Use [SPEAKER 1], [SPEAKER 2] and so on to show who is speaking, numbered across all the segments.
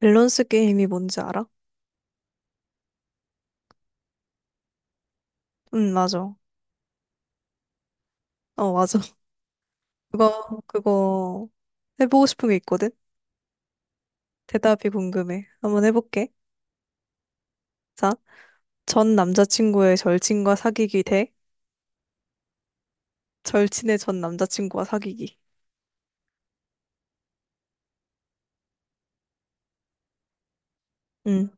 [SPEAKER 1] 밸런스 게임이 뭔지 알아? 응, 맞아. 어, 맞아. 그거 해보고 싶은 게 있거든? 대답이 궁금해. 한번 해볼게. 자, 전 남자친구의 절친과 사귀기 대 절친의 전 남자친구와 사귀기. 응.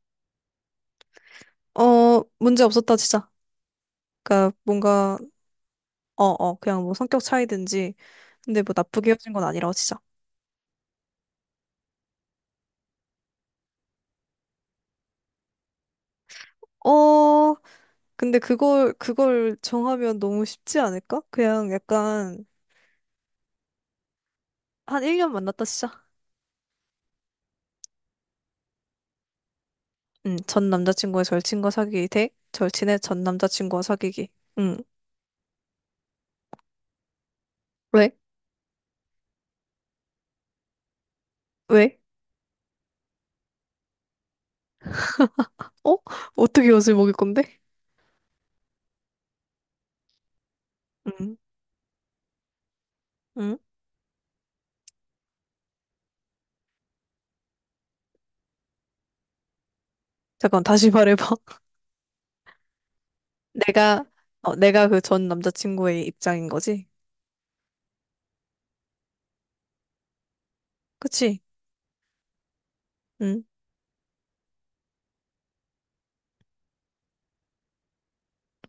[SPEAKER 1] 어, 문제 없었다, 진짜. 그니까 뭔가, 어, 어, 그냥 뭐 성격 차이든지. 근데 뭐 나쁘게 헤어진 건 아니라고, 진짜. 어, 근데 그걸 정하면 너무 쉽지 않을까? 그냥 약간. 한 1년 만났다, 진짜. 응, 전 남자친구의 절친과 사귀기 대 절친의 전 남자친구와 사귀기. 응. 왜? 왜? 어? 어떻게 옷을 먹일 건데? 응. 응? 잠깐 다시 말해봐. 내가 내가 그 전 남자친구의 입장인 거지? 그치? 응.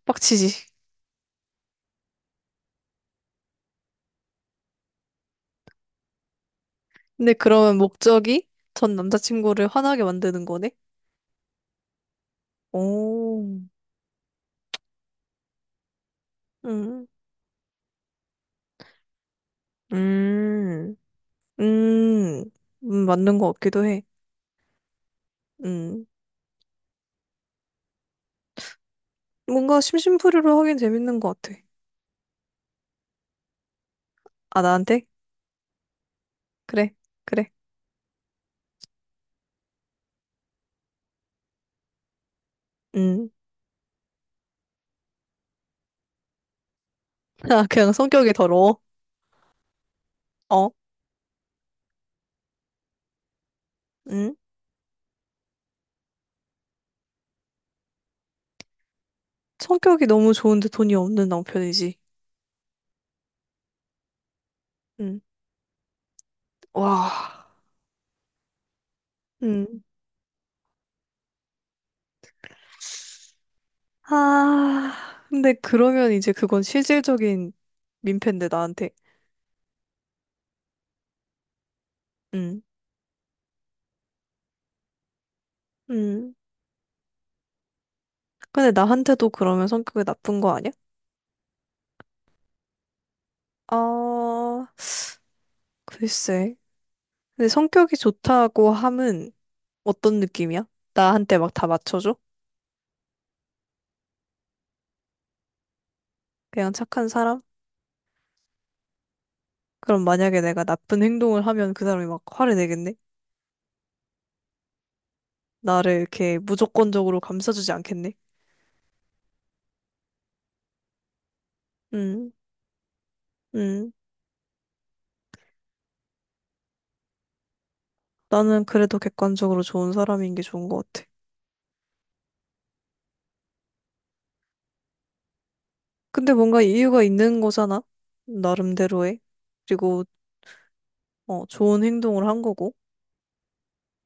[SPEAKER 1] 빡치지. 근데 그러면 목적이 전 남자친구를 화나게 만드는 거네? 오. 응. 음. 음. 맞는 거 같기도 해. 음. 뭔가 심심풀이로 하긴 재밌는 것 같아. 아, 나한테? 그래, 그래. 음. 아, 그냥 성격이 더러워. 어, 음. 성격이 너무 좋은데 돈이 없는 남편이지. 음. 와, 음. 아, 근데 그러면 이제 그건 실질적인 민폐인데, 나한테. 음. 음. 근데 나한테도 그러면 성격이 나쁜 거 아니야? 아, 글쎄. 근데 성격이 좋다고 함은 어떤 느낌이야? 나한테 막 다 맞춰줘? 그냥 착한 사람? 그럼 만약에 내가 나쁜 행동을 하면 그 사람이 막 화를 내겠네? 나를 이렇게 무조건적으로 감싸주지 않겠네. 음, 음. 나는 그래도 객관적으로 좋은 사람인 게 좋은 것 같아. 근데 뭔가 이유가 있는 거잖아. 나름대로의. 그리고, 좋은 행동을 한 거고.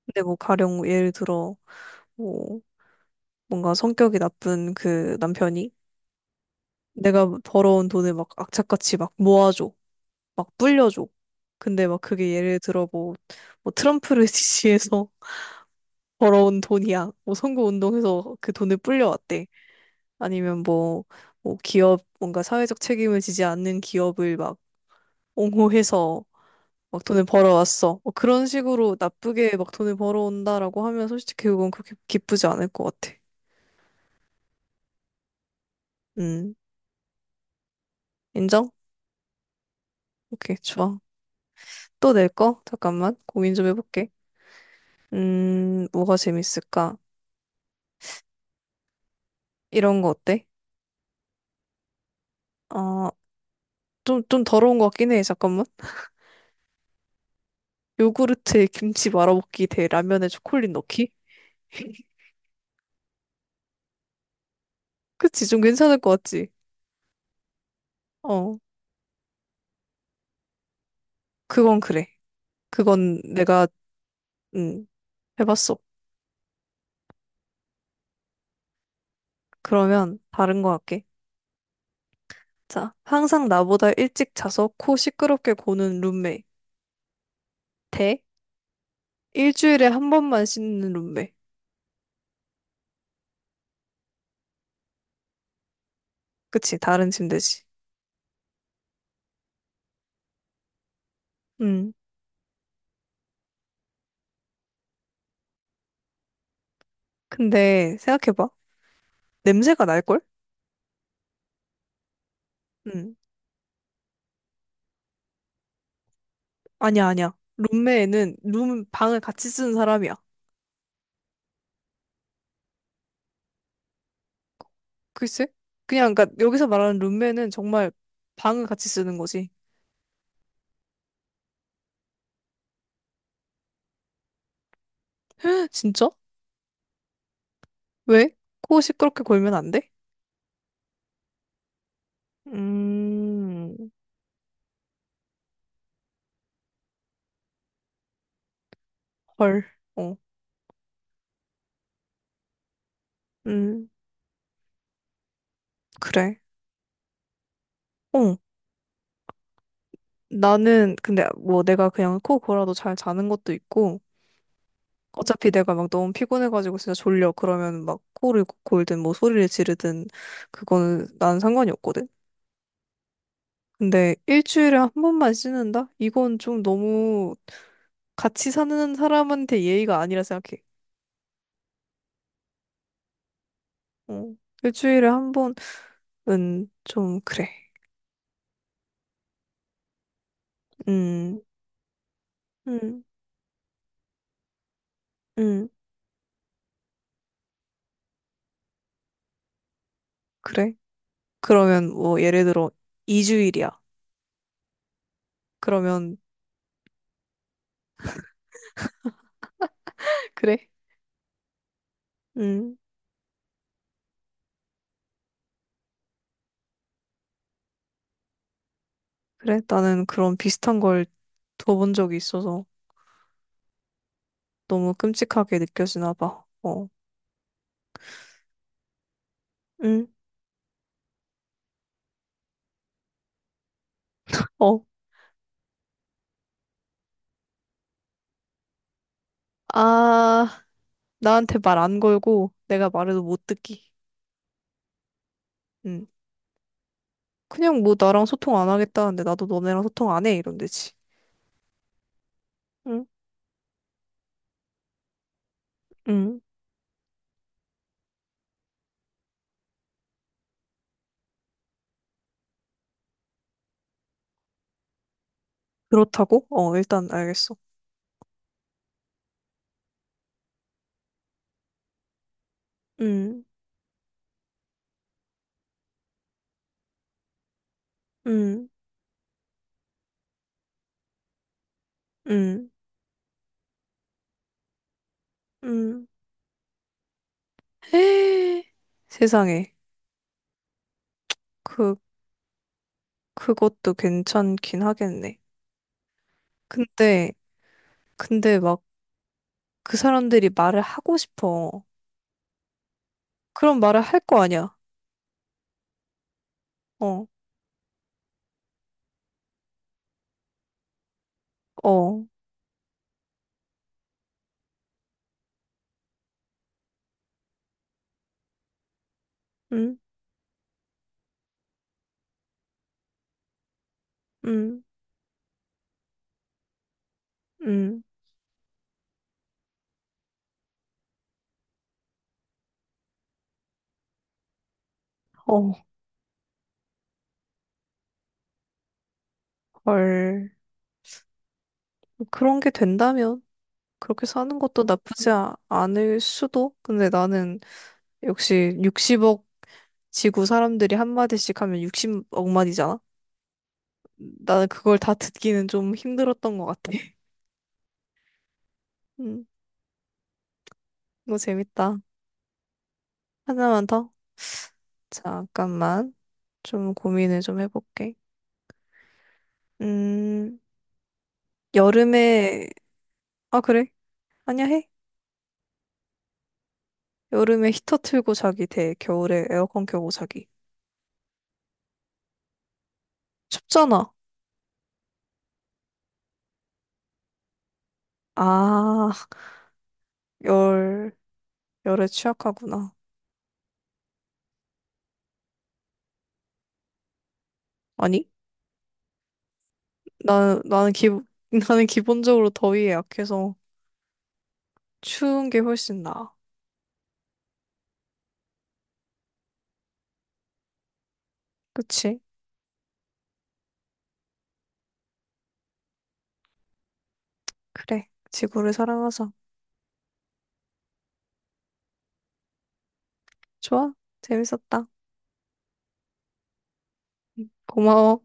[SPEAKER 1] 근데 뭐 가령 예를 들어, 뭐, 뭔가 성격이 나쁜 그 남편이 내가 벌어온 돈을 막 악착같이 막 모아줘. 막 불려줘. 근데 막 그게 예를 들어 뭐, 뭐, 트럼프를 지지해서 벌어온 돈이야. 뭐 선거운동에서 그 돈을 불려왔대. 아니면 뭐 기업 뭔가 사회적 책임을 지지 않는 기업을 막 옹호해서 막 돈을 벌어왔어. 뭐 그런 식으로 나쁘게 막 돈을 벌어온다라고 하면 솔직히 그건 그렇게 기쁘지 않을 것 같아. 음, 인정? 오케이, 좋아. 또 낼 거? 잠깐만, 고민 좀 해볼게. 뭐가 재밌을까? 이런 거 어때? 아, 좀 더러운 것 같긴 해. 잠깐만. 요구르트에 김치 말아먹기 대 라면에 초콜릿 넣기? 그치, 좀 괜찮을 것 같지? 어, 그건 그래. 그건 내가, 응, 해봤어. 그러면 다른 거 할게. 자, 항상 나보다 일찍 자서 코 시끄럽게 고는 룸메. 대 일주일에 한 번만 씻는 룸메. 그치, 다른 침대지. 응. 근데 생각해봐. 냄새가 날걸? 응. 아니야, 아니야. 룸메는 방을 같이 쓰는 사람이야. 글쎄? 그냥, 그니까 여기서 말하는 룸메는 정말 방을 같이 쓰는 거지. 진짜? 왜? 코 시끄럽게 골면 안 돼? 음, 헐. 어. 음, 그래. 어, 나는 근데 뭐 내가 그냥 코 골아도 잘 자는 것도 있고 어차피 내가 막 너무 피곤해가지고 진짜 졸려 그러면 막 코를 골든 뭐 소리를 지르든 그거는 난 상관이 없거든. 근데 일주일에 한 번만 씻는다? 이건 좀 너무 같이 사는 사람한테 예의가 아니라 생각해. 어, 일주일에 한 번은 좀 그래. 음, 음, 음, 그래. 그러면 뭐 예를 들어 2주일이야. 그러면 그래. 음. 그래? 나는 그런 비슷한 걸 들어본 적이 있어서 너무 끔찍하게 느껴지나 봐. 어, 응, 어, 아, 나한테 말 안 걸고 내가 말해도 못 듣기. 응, 그냥 뭐 나랑 소통 안 하겠다는데 나도 너네랑 소통 안 해. 이런 데지. 응, 응, 그렇다고? 어, 일단 알겠어. 응, 응, 응, 응. 헤. 세상에. 그, 그것도 괜찮긴 하겠네. 근데, 근데, 막 그 사람들이 말을 하고 싶어. 그런 말을 할 거 아니야. 어, 어, 음, 음, 음, 어, 헐. 그런 게 된다면 그렇게 사는 것도 나쁘지 않을 수도? 근데 나는 역시 60억 지구 사람들이 한마디씩 하면 60억 마디잖아? 나는 그걸 다 듣기는 좀 힘들었던 것 같아. 음, 이거 재밌다. 하나만 더? 잠깐만. 좀 고민을 좀 해볼게. 음, 여름에, 아, 그래? 아니야, 해. 여름에 히터 틀고 자기 대 겨울에 에어컨 켜고 자기. 춥잖아. 아, 열, 열에 취약하구나. 아니, 나는 나는 기본적으로 더위에 약해서 추운 게 훨씬 나아. 그치? 그래. 지구를 사랑하자. 좋아? 재밌었다. 고마워.